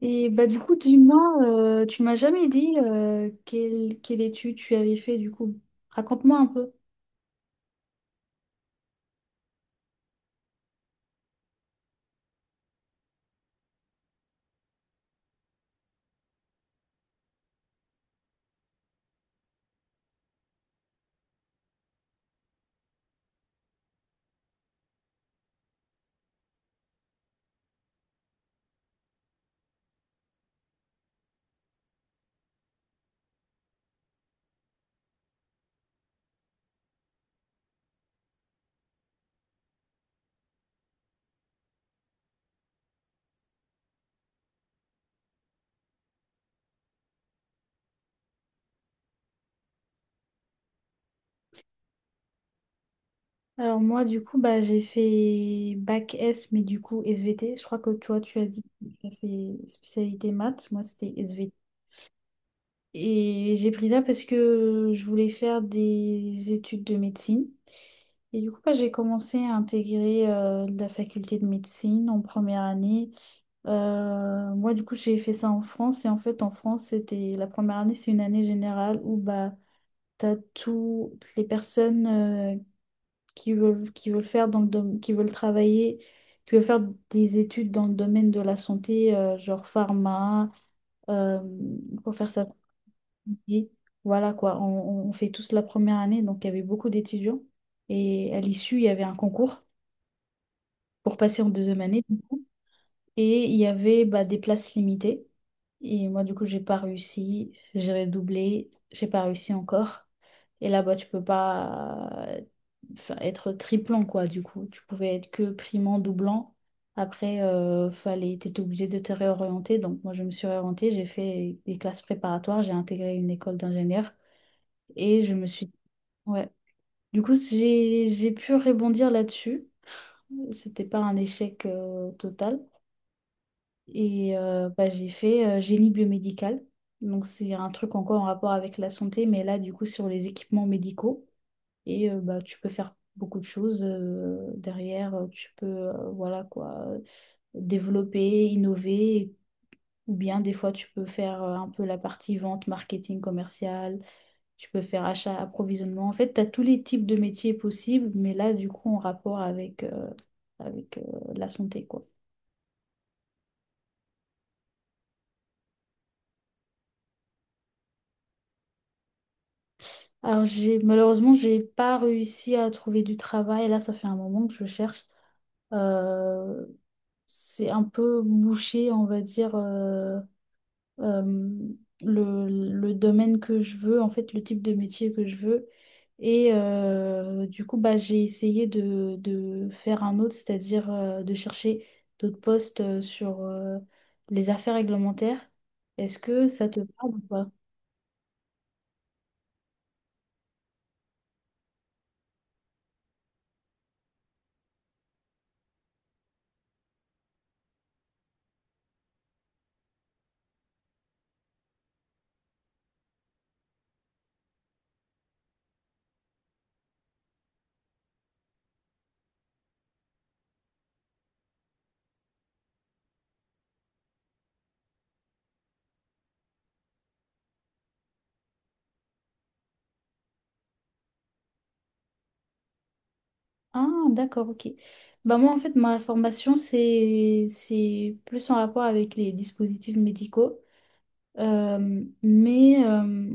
Et bah du coup, dis-moi, tu m'as jamais dit quelle, quelle étude tu avais fait du coup. Raconte-moi un peu. Alors moi, du coup, bah j'ai fait bac S, mais du coup SVT. Je crois que toi, tu as dit que tu as fait spécialité maths. Moi, c'était. Et j'ai pris ça parce que je voulais faire des études de médecine. Et du coup, bah, j'ai commencé à intégrer la faculté de médecine en première année. Moi, du coup, j'ai fait ça en France. Et en fait, en France, c'était la première année, c'est une année générale où bah, tu as toutes les personnes qui veulent faire dans le qui veulent travailler, qui veulent faire des études dans le domaine de la santé, genre pharma, euh, pour faire ça et voilà quoi, fait tous la première année, donc il y avait beaucoup d'étudiants. Et à l'issue, il y avait un concours pour passer en deuxième année. Du coup. Et il y avait bah, des places limitées. Et moi, du coup, j'ai pas réussi. J'ai redoublé. J'ai pas réussi encore. Et là-bas, tu peux pas enfin, être triplant, quoi, du coup. Tu pouvais être que primant, doublant. Après, fallait, t'étais obligé de te réorienter. Donc, moi, je me suis réorientée. J'ai fait des classes préparatoires. J'ai intégré une école d'ingénieur. Et je me suis dit, ouais. Du coup, j'ai pu rebondir là-dessus. C'était pas un échec total. Et bah, j'ai fait génie biomédical. Donc, c'est un truc encore en rapport avec la santé, mais là, du coup, sur les équipements médicaux. Et bah, tu peux faire beaucoup de choses derrière. Tu peux, voilà quoi, développer, innover. Ou bien, des fois, tu peux faire un peu la partie vente, marketing commercial. Tu peux faire achat, approvisionnement. En fait, tu as tous les types de métiers possibles, mais là, du coup, en rapport avec, avec la santé, quoi. Alors, j'ai, malheureusement, j'ai pas réussi à trouver du travail. Là, ça fait un moment que je cherche. Euh, c'est un peu bouché, on va dire. Euh, le domaine que je veux, en fait, le type de métier que je veux. Et du coup, bah, j'ai essayé de faire un autre, c'est-à-dire de chercher d'autres postes sur les affaires réglementaires. Est-ce que ça te parle ou pas? Ah, d'accord, ok. Bah moi, en fait, ma formation, c'est plus en rapport avec les dispositifs médicaux. Mais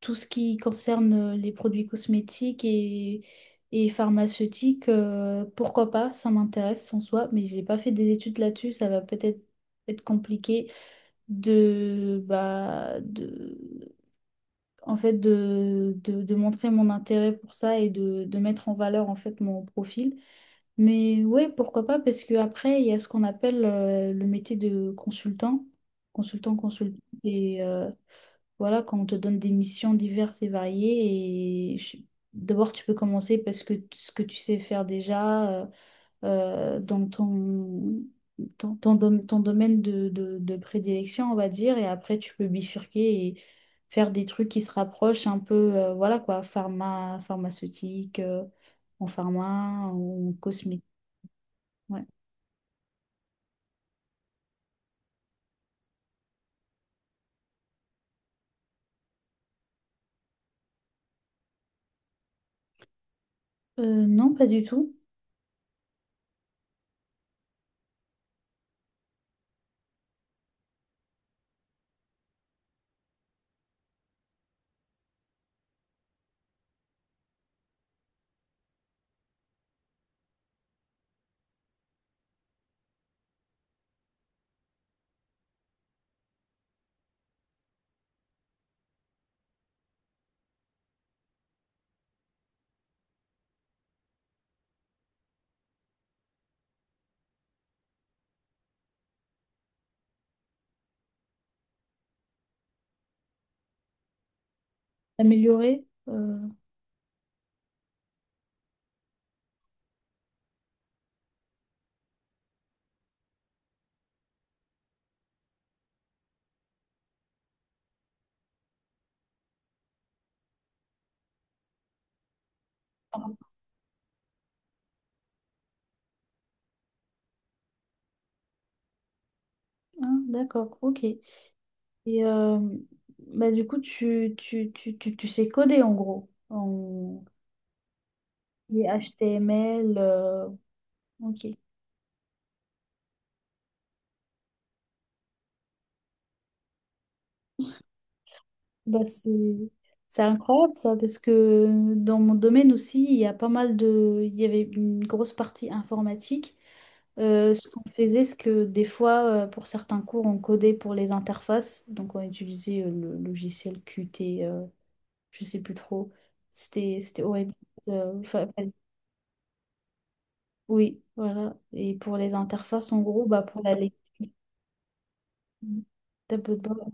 tout ce qui concerne les produits cosmétiques et pharmaceutiques, pourquoi pas, ça m'intéresse en soi, mais j'ai pas fait des études là-dessus, ça va peut-être être compliqué de, bah, de, en fait, de montrer mon intérêt pour ça et de mettre en valeur en fait mon profil. Mais ouais, pourquoi pas, parce que après, il y a ce qu'on appelle le métier de consultant, et... voilà, quand on te donne des missions diverses et variées, d'abord tu peux commencer parce que ce que tu sais faire déjà dans ton, ton, ton domaine de, de prédilection, on va dire, et après tu peux bifurquer et faire des trucs qui se rapprochent un peu, voilà quoi, pharma, pharmaceutique, en pharma, en cosmétique. Ouais. Non, pas du tout. Améliorer. Ah, d'accord, ok. Et bah, du coup, tu sais coder en gros. En les HTML. Ok. Bah, c'est incroyable ça, parce que dans mon domaine aussi, il y a pas mal de. Il y avait une grosse partie informatique. Ce qu'on faisait, c'est que des fois, pour certains cours, on codait pour les interfaces. Donc, on utilisait le logiciel Qt, je sais plus trop. C'était horrible. Enfin, oui, voilà. Et pour les interfaces, en gros, bah, pour la lecture, tableau de bord,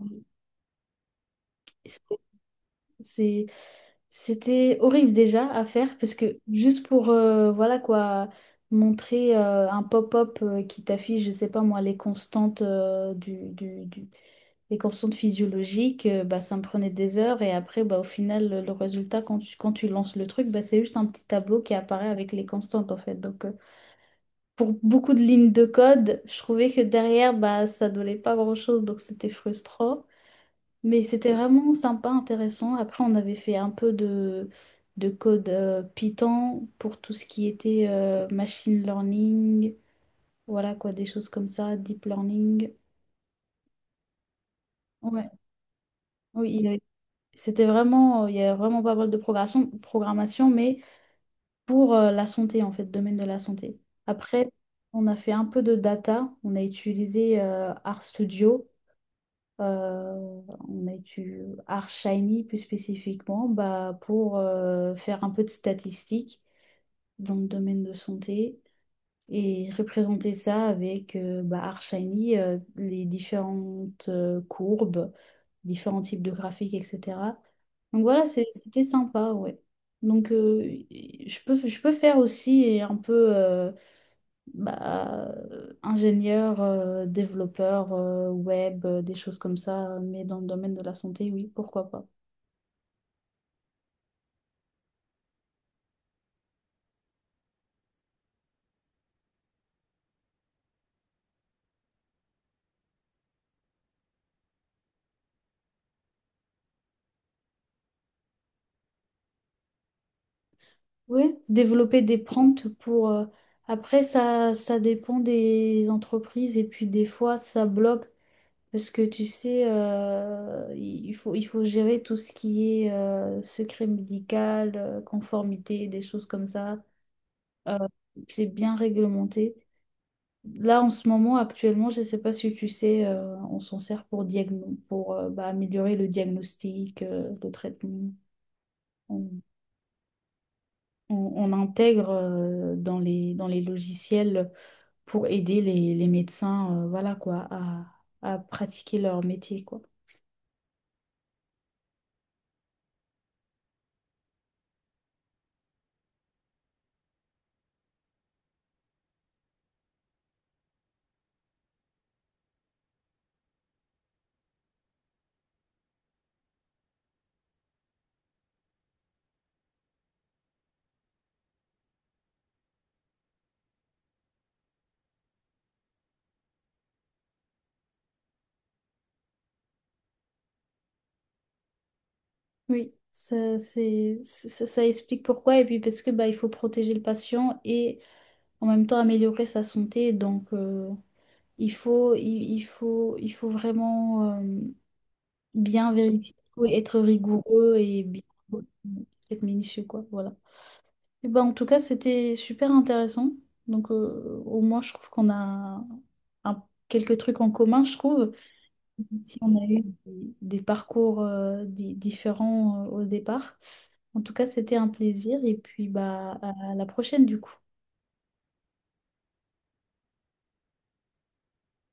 c'est- c'est- c'était horrible déjà à faire parce que juste pour, voilà quoi, montrer un pop-up qui t'affiche, je sais pas moi, les constantes les constantes physiologiques, bah, ça me prenait des heures et après, bah, au final, le résultat, quand tu lances le truc, bah, c'est juste un petit tableau qui apparaît avec les constantes en fait. Donc, pour beaucoup de lignes de code, je trouvais que derrière, bah, ça donnait pas grand-chose, donc c'était frustrant. Mais c'était vraiment sympa, intéressant. Après, on avait fait un peu de code Python pour tout ce qui était machine learning, voilà quoi, des choses comme ça, deep learning. Ouais, oui, c'était vraiment, il y avait vraiment pas mal de programmation, mais pour la santé, en fait, domaine de la santé. Après, on a fait un peu de data, on a utilisé RStudio. Euh, on a du Shiny plus spécifiquement bah, pour faire un peu de statistiques dans le domaine de santé et représenter ça avec bah, Artshiny, les différentes courbes, différents types de graphiques, etc. Donc voilà, c'était sympa, ouais. Donc je peux faire aussi un peu bah, ingénieur, développeur, web, des choses comme ça, mais dans le domaine de la santé, oui, pourquoi pas. Oui, développer des prompts pour... Après, ça dépend des entreprises et puis des fois, ça bloque parce que tu sais, il faut gérer tout ce qui est secret médical, conformité, des choses comme ça. Euh, c'est bien réglementé. Là, en ce moment, actuellement, je ne sais pas si tu sais, on s'en sert pour, pour bah, améliorer le diagnostic, le traitement. On, on intègre dans les logiciels pour aider les médecins, voilà quoi, à pratiquer leur métier, quoi. Oui, ça, c'est, ça explique pourquoi. Et puis parce que bah, il faut protéger le patient et en même temps améliorer sa santé. Donc, il faut vraiment... bien vérifier, et être rigoureux et bien être minutieux, quoi. Voilà. Et ben, en tout cas, c'était super intéressant. Donc, au moins, je trouve qu'on a quelques trucs en commun, je trouve. Si on a eu des parcours différents au départ. En tout cas, c'était un plaisir et puis bah, à la prochaine, du coup.